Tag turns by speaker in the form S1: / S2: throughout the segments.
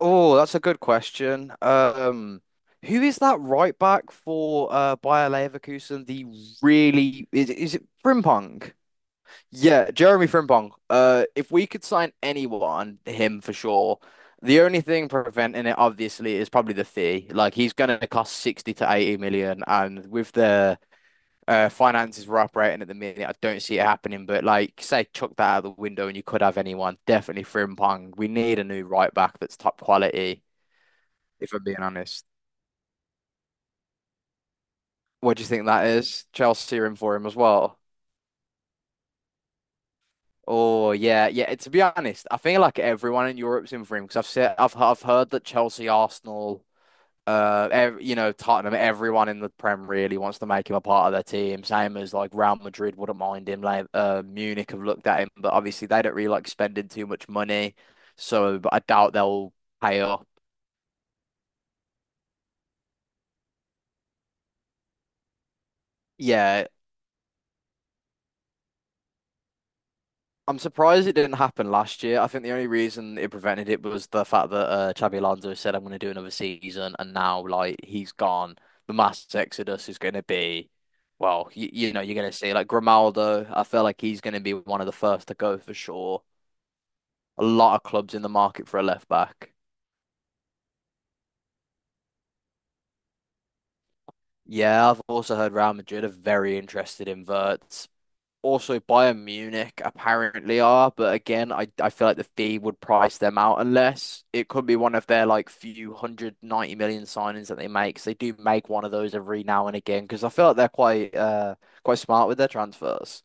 S1: Oh, that's a good question. Who is that right back for Bayer Leverkusen? The really is it Frimpong? Yeah, Jeremy Frimpong. If we could sign anyone, him for sure. The only thing preventing it, obviously, is probably the fee. Like he's going to cost 60 to 80 million, and with the finances we're operating at the minute, I don't see it happening. But like, say, chuck that out the window, and you could have anyone. Definitely Frimpong. We need a new right back that's top quality if I'm being honest. What do you think that is? Chelsea are in for him as well. Oh yeah, yeah. To be honest, I feel like everyone in Europe's in for him because I've said I've heard that Chelsea, Arsenal, Tottenham, everyone in the Prem really wants to make him a part of their team. Same as like Real Madrid wouldn't mind him. Like Munich have looked at him, but obviously they don't really like spending too much money, so but I doubt they'll pay up. Yeah, I'm surprised it didn't happen last year. I think the only reason it prevented it was the fact that Xabi Alonso said, I'm going to do another season. And now, like, he's gone. The mass exodus is going to be, you're going to see, like, Grimaldo. I feel like he's going to be one of the first to go for sure. A lot of clubs in the market for a left back. Yeah, I've also heard Real Madrid are very interested in Verts. Also Bayern Munich apparently are, but again, I feel like the fee would price them out unless it could be one of their like few hundred ninety million signings that they make. 'Cause they do make one of those every now and again because I feel like they're quite quite smart with their transfers.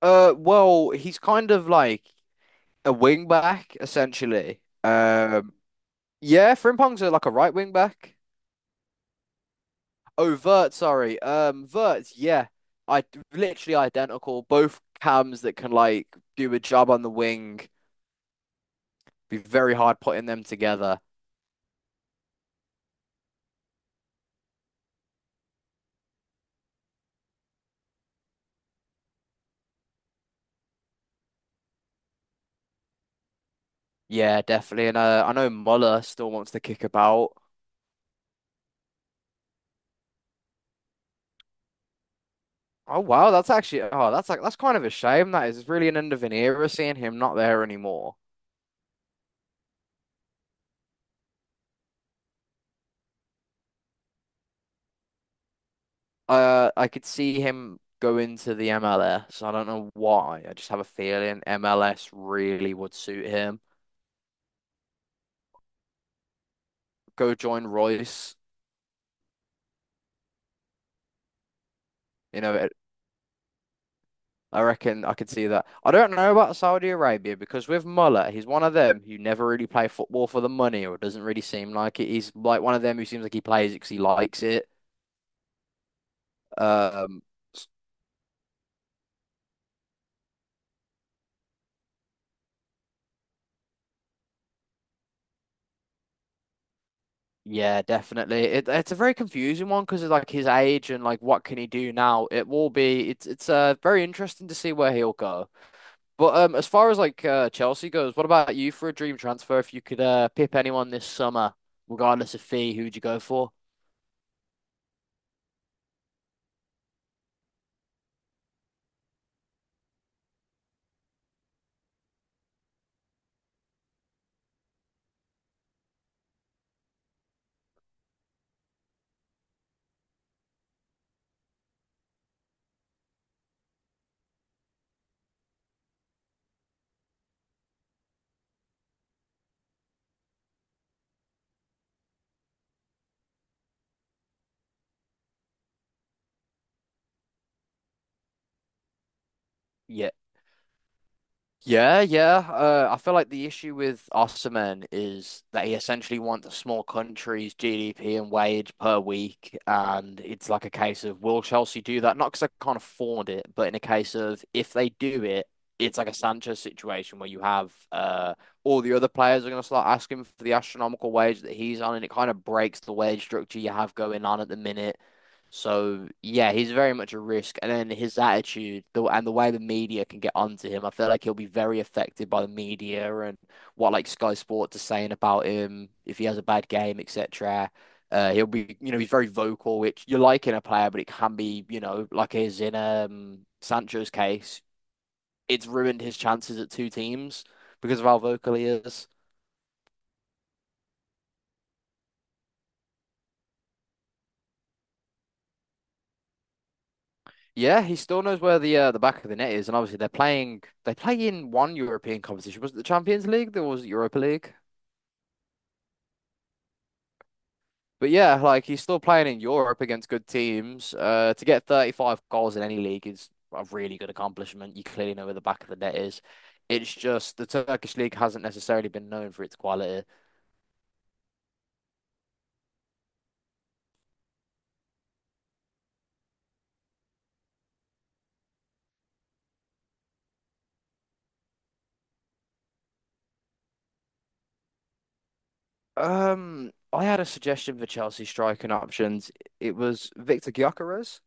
S1: Well, he's kind of like a wing back essentially. Yeah, Frimpong's a, like a right wing back. Oh, Vert, sorry. Vert, yeah. I literally identical. Both cams that can like do a job on the wing. Be very hard putting them together. Yeah, definitely. And I know Muller still wants to kick about. Oh wow, that's actually oh that's like that's kind of a shame. That is really an end of an era seeing him not there anymore. I could see him go into the MLS. I don't know why. I just have a feeling MLS really would suit him. Go join Royce. You know, I reckon I could see that. I don't know about Saudi Arabia because with Muller, he's one of them who never really play football for the money or doesn't really seem like it. He's like one of them who seems like he plays it because he likes it. Um, yeah, definitely. It's a very confusing one because of like his age and like what can he do now. It will be it's very interesting to see where he'll go. But as far as like Chelsea goes, what about you for a dream transfer? If you could pip anyone this summer, regardless of fee, who'd you go for? Yeah. Yeah, yeah. I feel like the issue with Osterman is that he essentially wants a small country's GDP and wage per week, and it's like a case of will Chelsea do that? Not because they can't afford it, but in a case of if they do it, it's like a Sanchez situation where you have all the other players are going to start asking for the astronomical wage that he's on, and it kind of breaks the wage structure you have going on at the minute. So yeah, he's very much a risk, and then his attitude, the and the way the media can get onto him, I feel like he'll be very affected by the media and what like Sky Sports are saying about him if he has a bad game, etc. He'll be, you know, he's very vocal, which you like in a player, but it can be, you know, like is in Sancho's case, it's ruined his chances at two teams because of how vocal he is. Yeah, he still knows where the back of the net is, and obviously they play in one European competition. Was it the Champions League? There was it Europa League. But yeah, like he's still playing in Europe against good teams. To get 35 goals in any league is a really good accomplishment. You clearly know where the back of the net is. It's just the Turkish league hasn't necessarily been known for its quality. I had a suggestion for Chelsea striking options. It was Victor Gyökeres.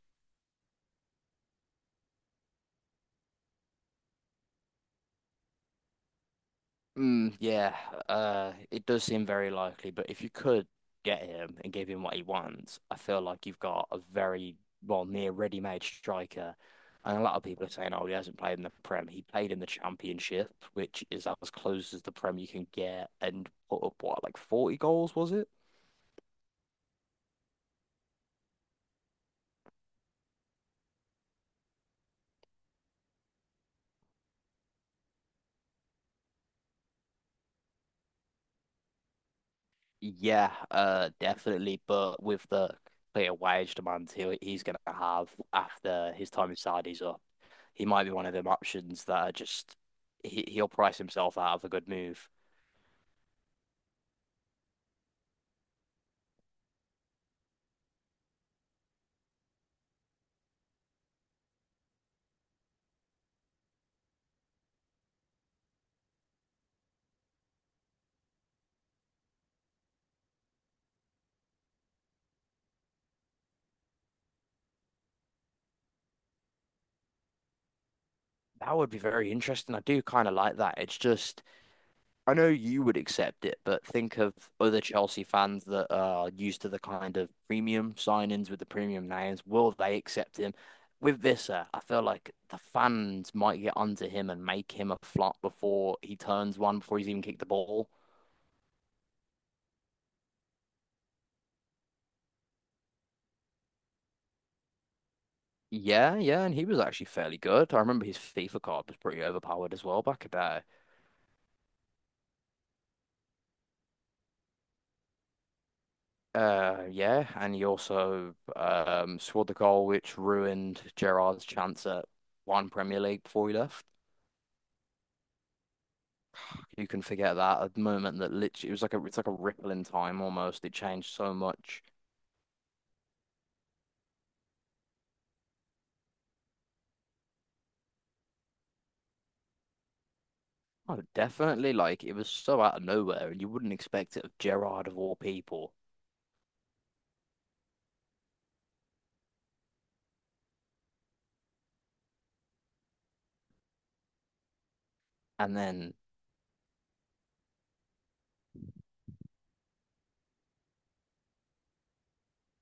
S1: Mm, yeah, it does seem very likely, but if you could get him and give him what he wants, I feel like you've got a very, well, near ready-made striker. And a lot of people are saying, oh, he hasn't played in the Prem. He played in the Championship, which is as close as the Prem you can get, and put up, what, like 40 goals, was it? Yeah, definitely. But with the clear wage demands he's going to have after his time in Saudi's up, he might be one of them options that are just he'll price himself out of a good move. That would be very interesting. I do kind of like that. It's just I know you would accept it, but think of other Chelsea fans that are used to the kind of premium signings with the premium names. Will they accept him? With Visser, I feel like the fans might get onto him and make him a flop before he turns one, before he's even kicked the ball. Yeah, yeah, and he was actually fairly good. I remember his FIFA card was pretty overpowered as well back in the day. Yeah, and he also scored the goal which ruined Gerard's chance at one Premier League before he left. You can forget that a moment that literally it was like a it's like a ripple in time almost. It changed so much. Oh, definitely. Like it was so out of nowhere, and you wouldn't expect it of Gerrard of all people. And then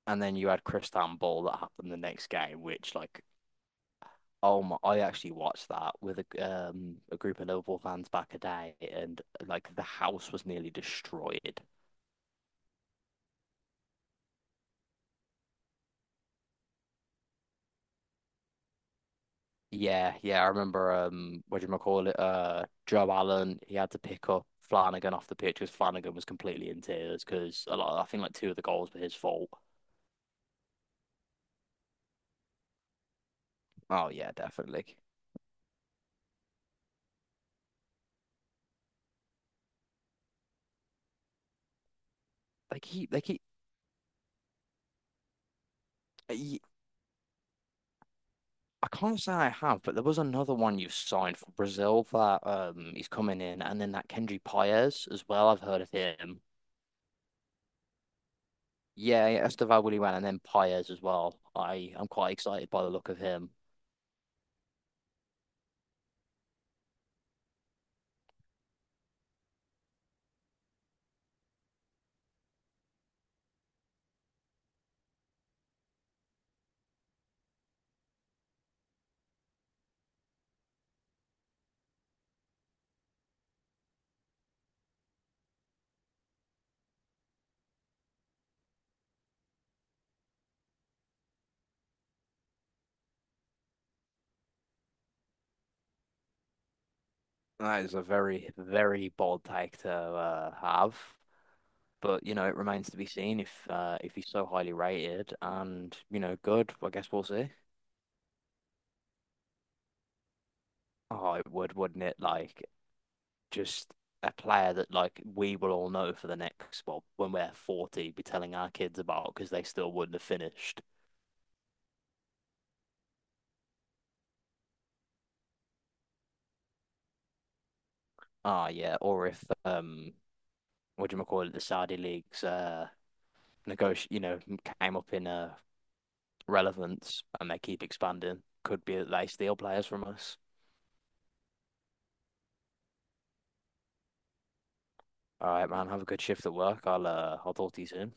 S1: and then you had Cristian Ball that happened the next game, which like oh my, I actually watched that with a group of Liverpool fans back a day, and like the house was nearly destroyed. Yeah, yeah, I remember what do you call it? Joe Allen, he had to pick up Flanagan off the pitch because Flanagan was completely in tears because a lot I think like two of the goals were his fault. Oh yeah, definitely. They keep I I can't say I have, but there was another one you signed for Brazil that he's coming in and then that Kendrick Paez as well. I've heard of him. Yeah, yeah, Estevão Willian and then Paez as well. I'm quite excited by the look of him. That is a very, very bold take to have. But you know, it remains to be seen if he's so highly rated and you know good. I guess we'll see. Oh, it would, wouldn't it? Like just a player that like we will all know for the next well, when we're 40, be telling our kids about because they still wouldn't have finished. Ah, yeah. Or if what do you call it? The Saudi leagues negoti you know came up in relevance and they keep expanding. Could be that they steal players from us. All right, man. Have a good shift at work. I'll talk to you soon.